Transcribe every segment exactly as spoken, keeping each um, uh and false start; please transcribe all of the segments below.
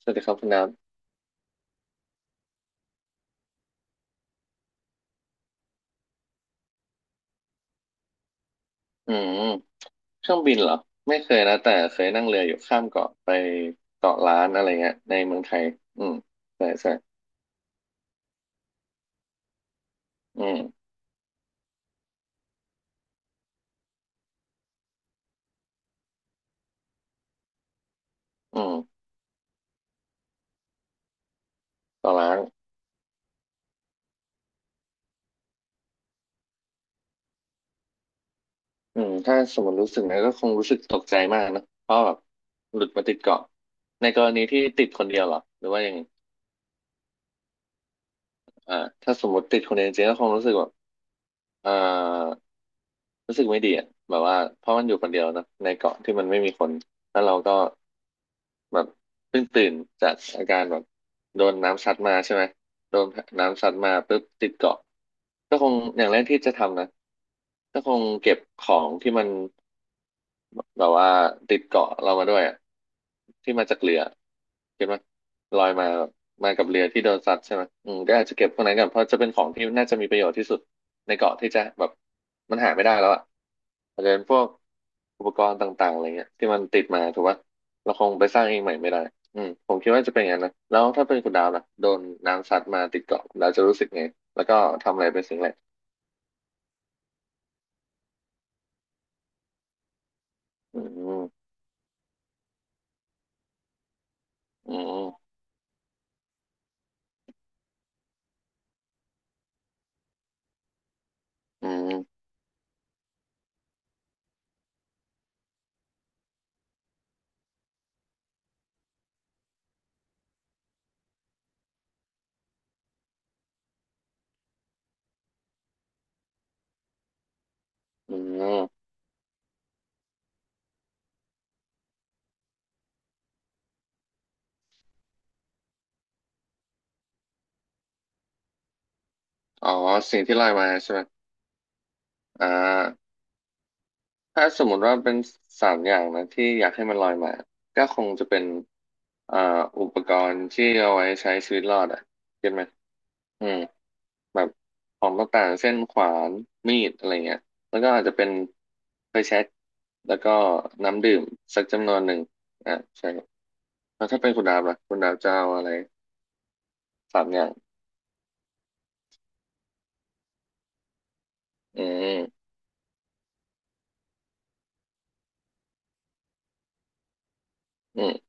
สวัสดีครับคุณน้ำอืมเครื่องบินเหรอไม่เคยนะแต่เคยนั่งเรืออยู่ข้ามเกาะไปเกาะล้านอะไรเงี้ยในเมืองไทยอืมใช่ใช่อืมอืมเกาะล้านอืมถ้าสมมติรู้สึกนะก็คงรู้สึกตกใจมากนะเพราะแบบหลุดมาติดเกาะในกรณีที่ติดคนเดียวเหรอหรือว่ายังไงอ่าถ้าสมมติติดคนเดียวจริงๆก็คงรู้สึกแบบอ่ารู้สึกไม่ดีอ่ะแบบว่าเพราะมันอยู่คนเดียวนะในเกาะที่มันไม่มีคนแล้วเราก็ แบบเพิ่งตื่นจากอาการแบบโดนน้ำซัดมาใช่ไหมโดนน้ำซัดมาปุ๊บติดเกาะก็คงอย่างแรกที่จะทำนะก็คงเก็บของที่มันแบบว่าติดเกาะเรามาด้วยอะที่มาจากเรือ เก็บมาลอยมาแบบมากับเรือที่โดนซัดใช่ไหมอืมก็อาจจะเก็บพวกนั้นก่อนเพราะจะเป็นของที่น่าจะมีประโยชน์ที่สุดในเกาะที่จะแบบมันหาไม่ได้แล้วอ่ะอาจจะเป็นพวกอุปกรณ์ต่างๆอะไรเงี้ยที่มันติดมาถูกปะเราคงไปสร้างเองใหม่ไม่ได้อืมผมคิดว่าจะเป็นอย่างนั้นนะแล้วถ้าเป็นคุณดาวล่ะโดนน้ำซัดมาติดเกาะแล้วจะรู้สึกไงแล้วก็ทำอะไรเป็นสิ่งแรกอืมอืมอืมอืมอ๋อสิ่งที่ลอยมาใช่ไหมอ่า ถ้าสมมติว่าเป็นสามอย่างนะที่อยากให้มันลอยมาก็คงจะเป็นอ่าอุปกรณ์ที่เอาไว้ใช้ชีวิตรอดอ่ะเก็ตไหมอืมแบบของต่างๆเช่นขวานมีดอะไรเงี้ยแล้วก็อาจจะเป็นไฟแช็กแล้วก็น้ำดื่มสักจำนวนหนึ่งอ่าใช่แล้วถ้าเป็นคุณดาบล่ะคุณดาบจะเอาอะไรสามอย่างอืมอืม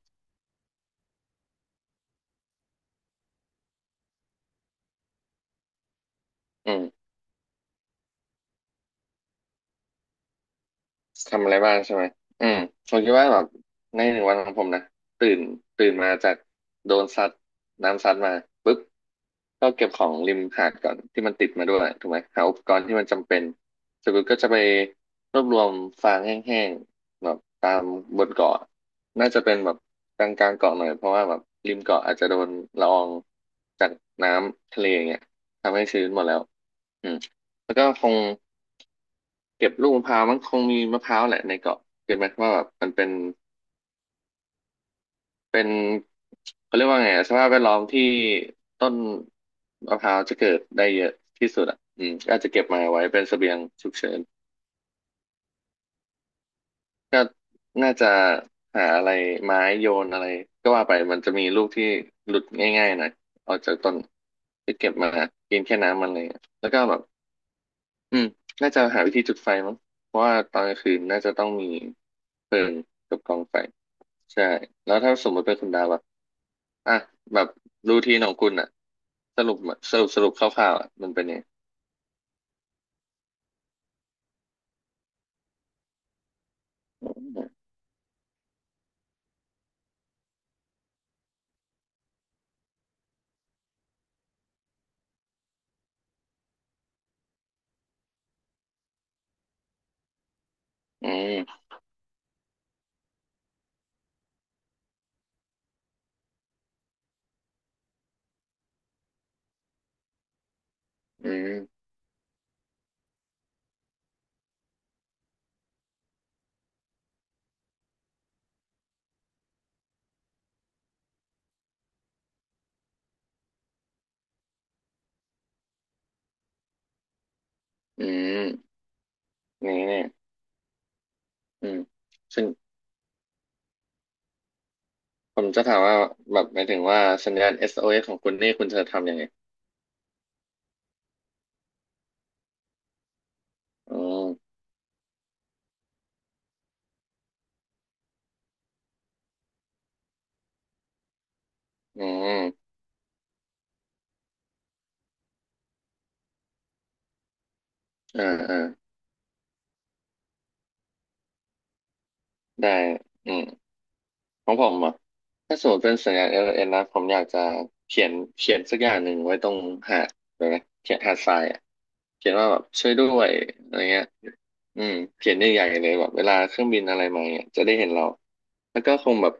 อืม ทำอะไรบ้างใช่ไหมอืมผมคิดว่าแบบในหนึ่งวันของผมนะตื่นตื่นมาจากโดนซัดน้ำซัดมาปุ๊บก็เก็บของริมหาดก่อนที่มันติดมาด้วยถูกไหมหาอุปกรณ์ที่มันจำเป็นเสร็จปุ๊บก็จะไปรวบรวมฟางแห้งๆแบบตามบนเกาะน่าจะเป็นแบบกลางๆเกาะหน่อยเพราะว่าแบบริมเกาะอาจจะโดนละอองจากน้ำทะเลอย่างเงี้ยทำให้ชื้นหมดแล้วอืมแล้วก็คง เก็บลูกมะพร้าวมันคงมีมะพร้าวแหละในเกาะเก็ตไหมว่าแบบมันเป็นเป็นเขาเรียกว่าไงอะสภาพแวดล้อมที่ต้นมะพร้าวจะเกิดได้เยอะที่สุดอ่ะอืมก็อาจจะเก็บมาไว้เป็นเสบียงฉุกเฉินก็น่าจะหาอะไรไม้โยนอะไรก็ว่าไปมันจะมีลูกที่หลุดง่ายๆหน่อยออกจากต้นที่เก็บมากินแค่น้ำมันอะไรอย่างเลยแล้วก็แบบอืมน่าจะหาวิธีจุดไฟมั้งเพราะว่าตอนกลางคืนน่าจะต้องมีเพลิงกับกองไฟ ใช่แล้วถ้าสมมติเป็นคุณดาวอะอ่ะแบบรูทีนของคุณอะสรุปสรุปสรุปคร่าวๆอะมันเป็นยังไงอืมอืมอืมนี่เนี่ยอืมซึ่งผมจะถามว่าแบบหมายถึงว่าสัญญาณ เอส โอ เอส ของคุณนี่คุณจะทำยังไงอืมอืมอ่าอ่าได้อืม ของผมอ่ะถ้าสมมติเป็นสัญญาณ แอล แอล เอ็น นนะผมอยากจะเขียนเขียนสักอย่างหนึ่งไว้ตรงหาดเลยนะเขียนหาดทรายอ่ะเขียนว่าแบบช่วยด้วยอะไรเงี้ยอืมเขียนใหญ่ๆเลยแบบเวลาเครื่องบินอะไรมาเนี่ยจะได้เห็นเราแล้วก็คงแบบ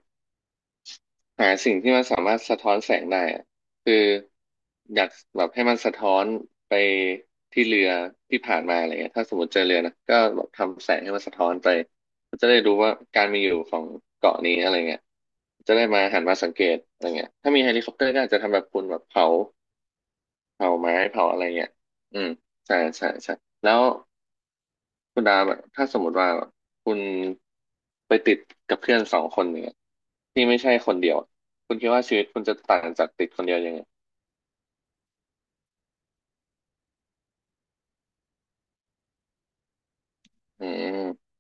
หาสิ่งที่มันสามารถสะท้อนแสงได้อะคืออยากแบบให้มันสะท้อนไปที่เรือที่ผ่านมาอะไรเงี้ยถ้าสมมติเจอเรือนะก็แบบทำแสงให้มันสะท้อนไปก็จะได้รู้ว่าการมีอยู่ของเกาะนี้อะไรเงี้ยจะได้มาหันมาสังเกตอะไรเงี้ยถ้ามีเฮลิคอปเตอร์ก็อาจจะทำแบบคุณแบบเผาเผาไม้เผาอะไรเงี้ยอืมใช่ใช่ใช่แล้ว คุณดาแบบถ้าสมมติว่าคุณไปติดกับเพื่อนสองคนเนี่ยที่ไม่ใช่คนเดียวคุณคิดว่าชีวิตคุณจะต่างจากติดคนเดียวยังไงอืมอืม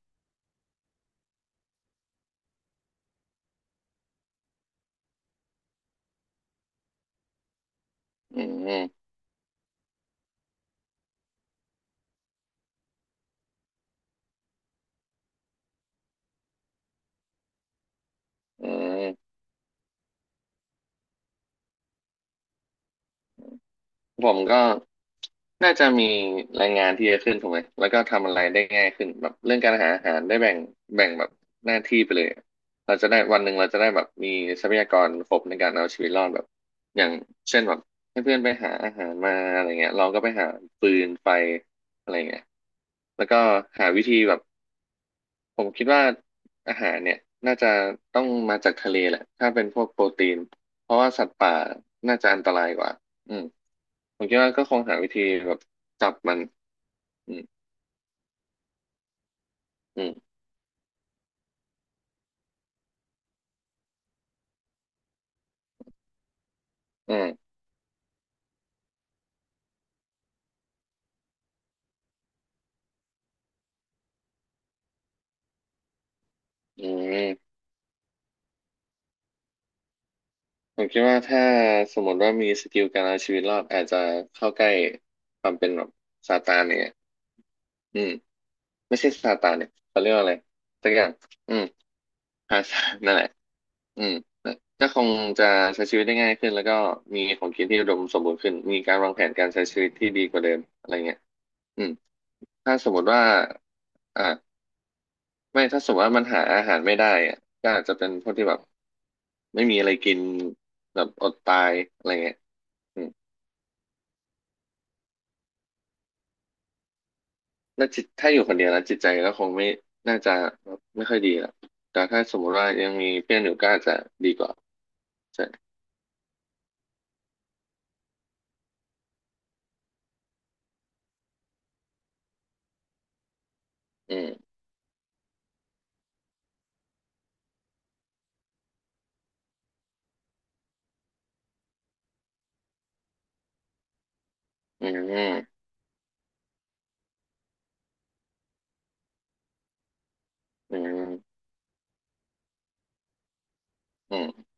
อืมผมก็ น่าจะมีรายงานที่เยอะขึ้นถูกไหมแล้วก็ทำอะไรได้ง่ายขึ้นแบบเรื่องการหาอาหารได้แบ่งแบ่งแบบหน้าที่ไปเลยอะเราจะได้วันหนึ่งเราจะได้แบบมีทรัพยากรครบในการเอาชีวิตรอดแบบอย่างเช่นแบบให้เพื่อนไปหาอาหารมาอะไรเงี้ยเราก็ไปหาฟืนไฟอะไรเงี้ยแล้วก็หาวิธีแบบ ผมคิดว่าอาหารเนี่ยน่าจะต้องมาจากทะเลแหละถ้าเป็นพวกโปรตีนเพราะว่าสัตว์ป่าน่าจะอันตรายกว่าอืมผมคิดว่าก็คงหาวิธีแบบจับมันอืมอืมอืมอืมผมคิดว่าถ้าสมมติว่ามีสกิลการเอาชีวิตรอดอาจจะเข้าใกล้ความเป็นแบบซาตานเนี่ยอืมไม่ใช่ซาตานเนี่ยเขาเรียกว่าอะไรสักอย่างอืมพาซานนั่นแหละ อืมก็คงจะใช้ชีวิตได้ง่ายขึ้นแล้วก็มีของกินที่อุดมสมบูรณ์ขึ้นมีการวางแผนการใช้ชีวิตที่ดีกว่าเดิมอะไรเงี้ยอืมถ้าสมมติว่าอ่าไม่ถ้าสมมติว่ามันหาอาหารไม่ได้อะก็อาจจะเป็นพวกที่แบบไม่มีอะไรกินแบบอดตายอะไรเงี้ยอืมแล้วจิตถ้าอยู่คนเดียวแล้วจิตใจก็คงไม่น่าจะไม่ค่อยดีหรอกแต่ถ้าสมมติว่ายังมีเพื่อนอยู่ก็อาจจะดีกว่าใช่อืมอืมอืมอืม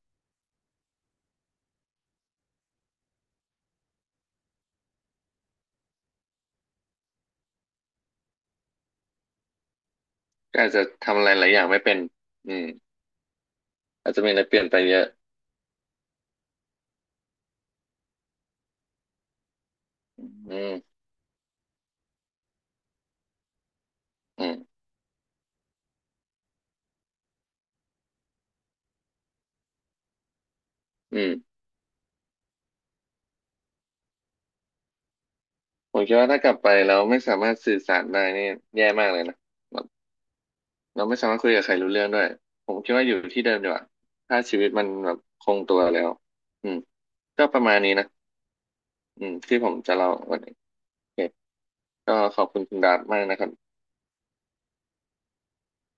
ก็อาจจะทำอะไรหลายอย่างไม่เป็นอืม อาจจะมีอะไรเปลี่ยนไปเยอะอืมอืมอืมผมคิดว่าถ้ากลับไปแล้วไม่สามารถสื่อสารได้นี่แย่มากเลยนะแบบเราไม่สามารถคุยกับใครรู้เรื่องด้วย ผมคิดว่าอยู่ที่เดิมดีกว่าถ้าชีวิตมันแบบคงตัวแล้วอืมก็ประมาณนี้นะ อืมที่ผมจะเล่าวันนี้โอเคก็ขอบคุณคุณดาร์ตมากนะครับ